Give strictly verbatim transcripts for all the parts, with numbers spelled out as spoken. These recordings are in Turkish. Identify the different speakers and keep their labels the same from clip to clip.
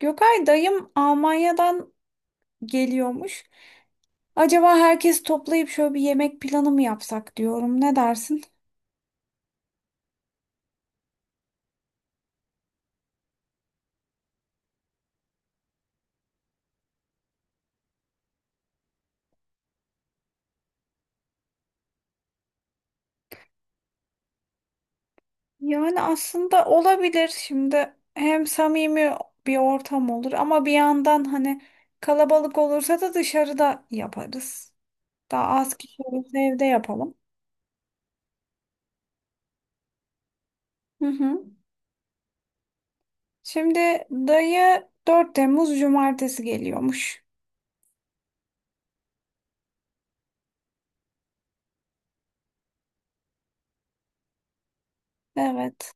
Speaker 1: Gökay dayım Almanya'dan geliyormuş. Acaba herkes toplayıp şöyle bir yemek planı mı yapsak diyorum. Ne dersin? Yani aslında olabilir. Şimdi hem samimi bir ortam olur ama bir yandan hani kalabalık olursa da dışarıda yaparız. Daha az kişi olursa evde yapalım. Hı hı. Şimdi dayı dört Temmuz Cumartesi geliyormuş. Evet.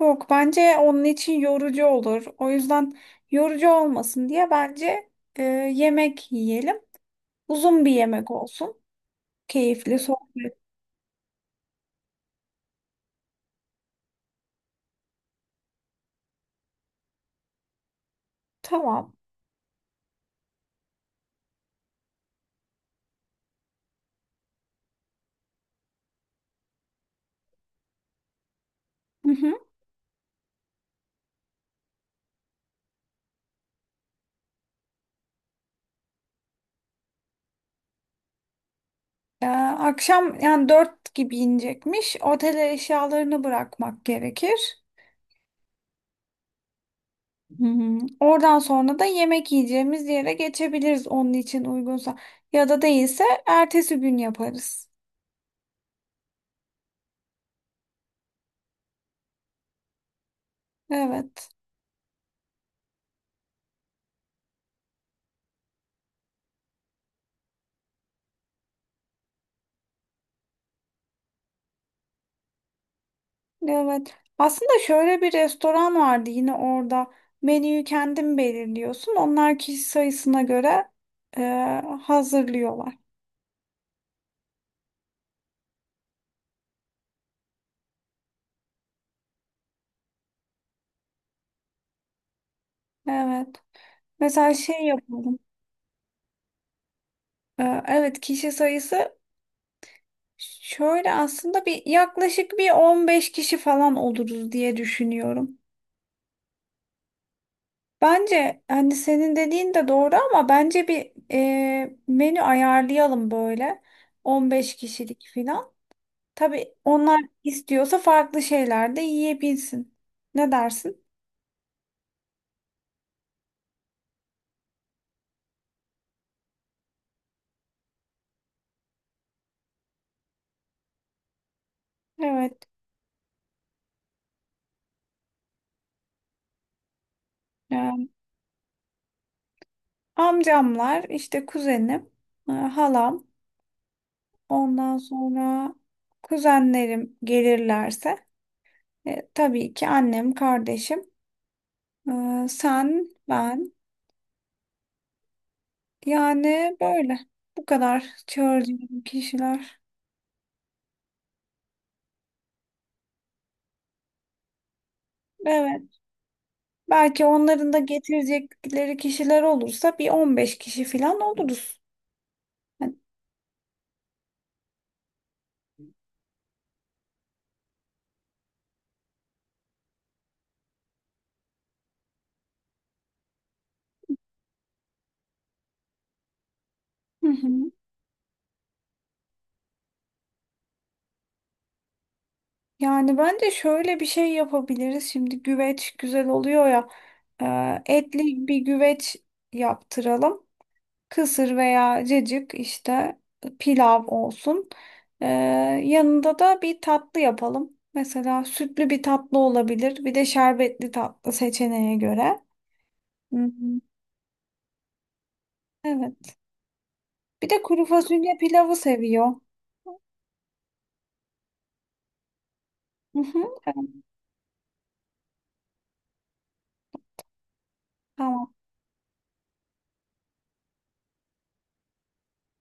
Speaker 1: Yok bence onun için yorucu olur. O yüzden yorucu olmasın diye bence e, yemek yiyelim. Uzun bir yemek olsun. Keyifli sohbet. Tamam. Hı hı. E, akşam yani dört gibi inecekmiş. Otele eşyalarını bırakmak gerekir. Hı hı. Oradan sonra da yemek yiyeceğimiz yere geçebiliriz onun için uygunsa. Ya da değilse ertesi gün yaparız. Evet. Evet. Aslında şöyle bir restoran vardı yine orada. Menüyü kendin belirliyorsun. Onlar kişi sayısına göre e, hazırlıyorlar. Evet. Mesela şey yapalım. E, evet, kişi sayısı şöyle aslında bir yaklaşık bir on beş kişi falan oluruz diye düşünüyorum. Bence hani senin dediğin de doğru ama bence bir e, menü ayarlayalım böyle. On beş kişilik falan. Tabii onlar istiyorsa farklı şeyler de yiyebilsin. Ne dersin? Evet. Yani amcamlar, işte kuzenim, e, halam, ondan sonra kuzenlerim gelirlerse, e, tabii ki annem, kardeşim, e, sen, ben. Yani böyle. Bu kadar çağıracağım kişiler. Evet. Belki onların da getirecekleri kişiler olursa bir on beş kişi falan oluruz. Hı hı. Yani bence şöyle bir şey yapabiliriz. Şimdi güveç güzel oluyor ya. Ee, etli bir güveç yaptıralım. Kısır veya cacık, işte pilav olsun. Ee, yanında da bir tatlı yapalım. Mesela sütlü bir tatlı olabilir. Bir de şerbetli tatlı seçeneğe göre. Hı hı. Evet. Bir de kuru fasulye pilavı seviyor. Hı hı. Tamam.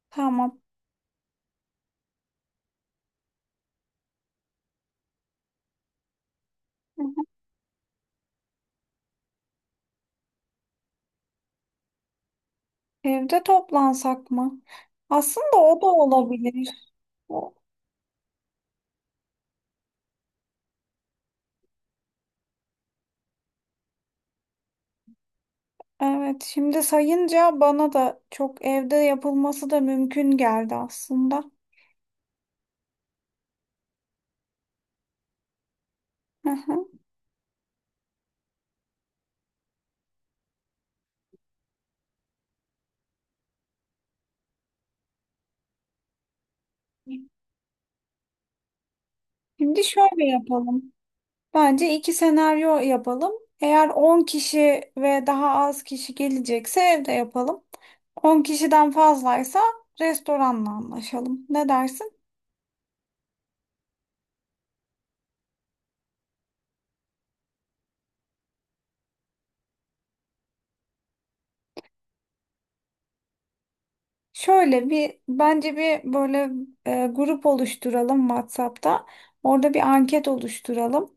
Speaker 1: Tamam. Hı hı. Evde toplansak mı? Aslında o da olabilir. O- Evet, şimdi sayınca bana da çok evde yapılması da mümkün geldi aslında. Hı hı. Şimdi şöyle yapalım. Bence iki senaryo yapalım. Eğer on kişi ve daha az kişi gelecekse evde yapalım. on kişiden fazlaysa restoranla anlaşalım. Ne dersin? Şöyle bir bence bir böyle e, grup oluşturalım WhatsApp'ta. Orada bir anket oluşturalım.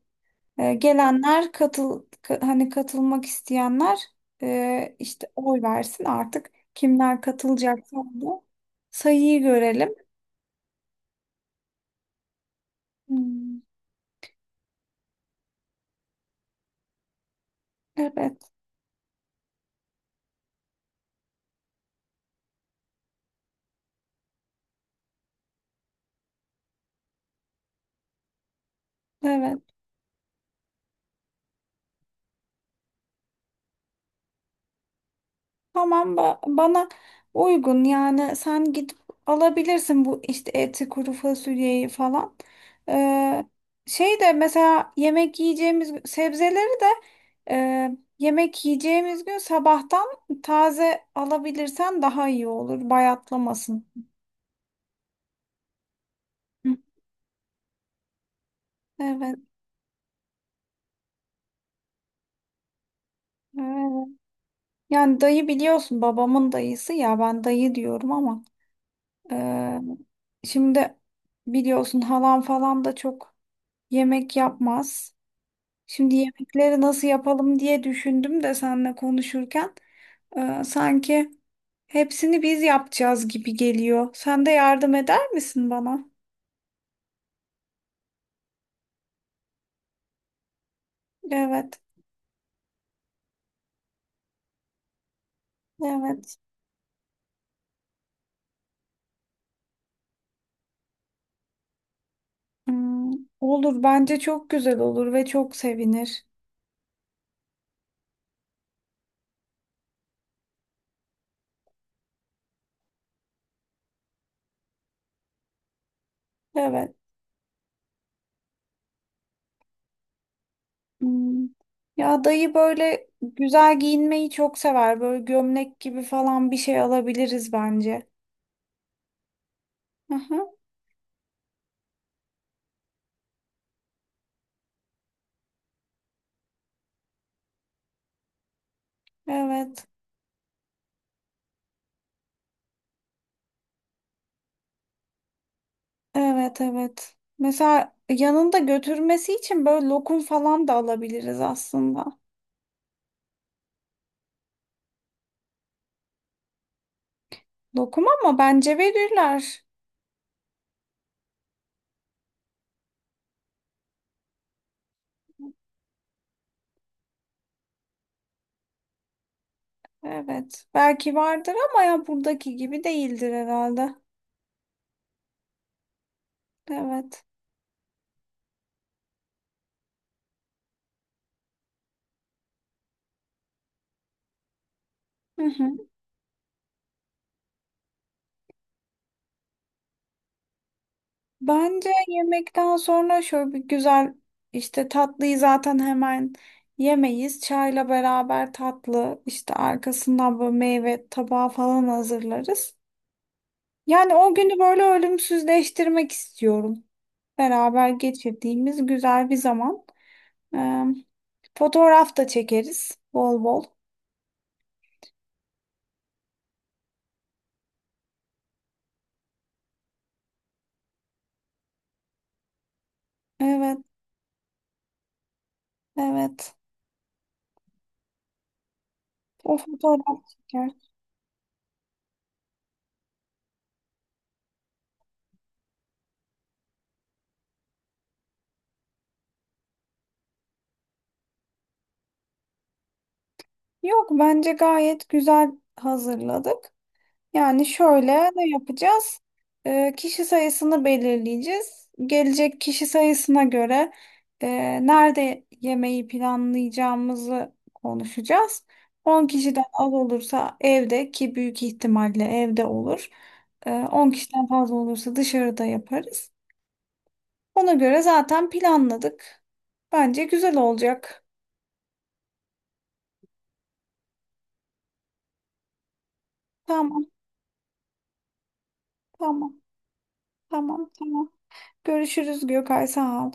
Speaker 1: E, gelenler katıl ka- hani katılmak isteyenler, e, işte oy versin artık. Kimler katılacaksa orada sayıyı görelim. Hmm, evet, evet. Tamam ba- bana uygun yani sen gidip alabilirsin bu işte eti, kuru fasulyeyi falan. Ee, Şey de mesela yemek yiyeceğimiz gü- sebzeleri de, e, yemek yiyeceğimiz gün sabahtan taze alabilirsen daha iyi olur, bayatlamasın. Hı. Evet, evet. Yani dayı, biliyorsun, babamın dayısı ya, ben dayı diyorum ama e, şimdi biliyorsun halam falan da çok yemek yapmaz. Şimdi yemekleri nasıl yapalım diye düşündüm de seninle konuşurken e, sanki hepsini biz yapacağız gibi geliyor. Sen de yardım eder misin bana? Evet, evet. Hmm, olur, bence çok güzel olur ve çok sevinir. Evet. Hmm. Ya dayı böyle güzel giyinmeyi çok sever. Böyle gömlek gibi falan bir şey alabiliriz bence. Aha, evet. Evet, evet. Mesela yanında götürmesi için böyle lokum falan da alabiliriz aslında. Lokum ama bence verirler. Evet. Belki vardır ama ya buradaki gibi değildir herhalde. Evet. Hı hı. Bence yemekten sonra şöyle bir güzel, işte tatlıyı zaten hemen yemeyiz. Çayla beraber tatlı, işte arkasından böyle meyve tabağı falan hazırlarız. Yani o günü böyle ölümsüzleştirmek istiyorum. Beraber geçirdiğimiz güzel bir zaman. Ee, fotoğraf da çekeriz bol bol. Evet, evet. O fotoğraf çeker. Yok, bence gayet güzel hazırladık. Yani şöyle ne yapacağız? Ee, kişi sayısını belirleyeceğiz. Gelecek kişi sayısına göre e, nerede yemeği planlayacağımızı konuşacağız. on kişiden az olursa evde, ki büyük ihtimalle evde olur. Ee, on kişiden fazla olursa dışarıda yaparız. Ona göre zaten planladık. Bence güzel olacak. Tamam, tamam, tamam, tamam. Görüşürüz Gökay, sağ ol.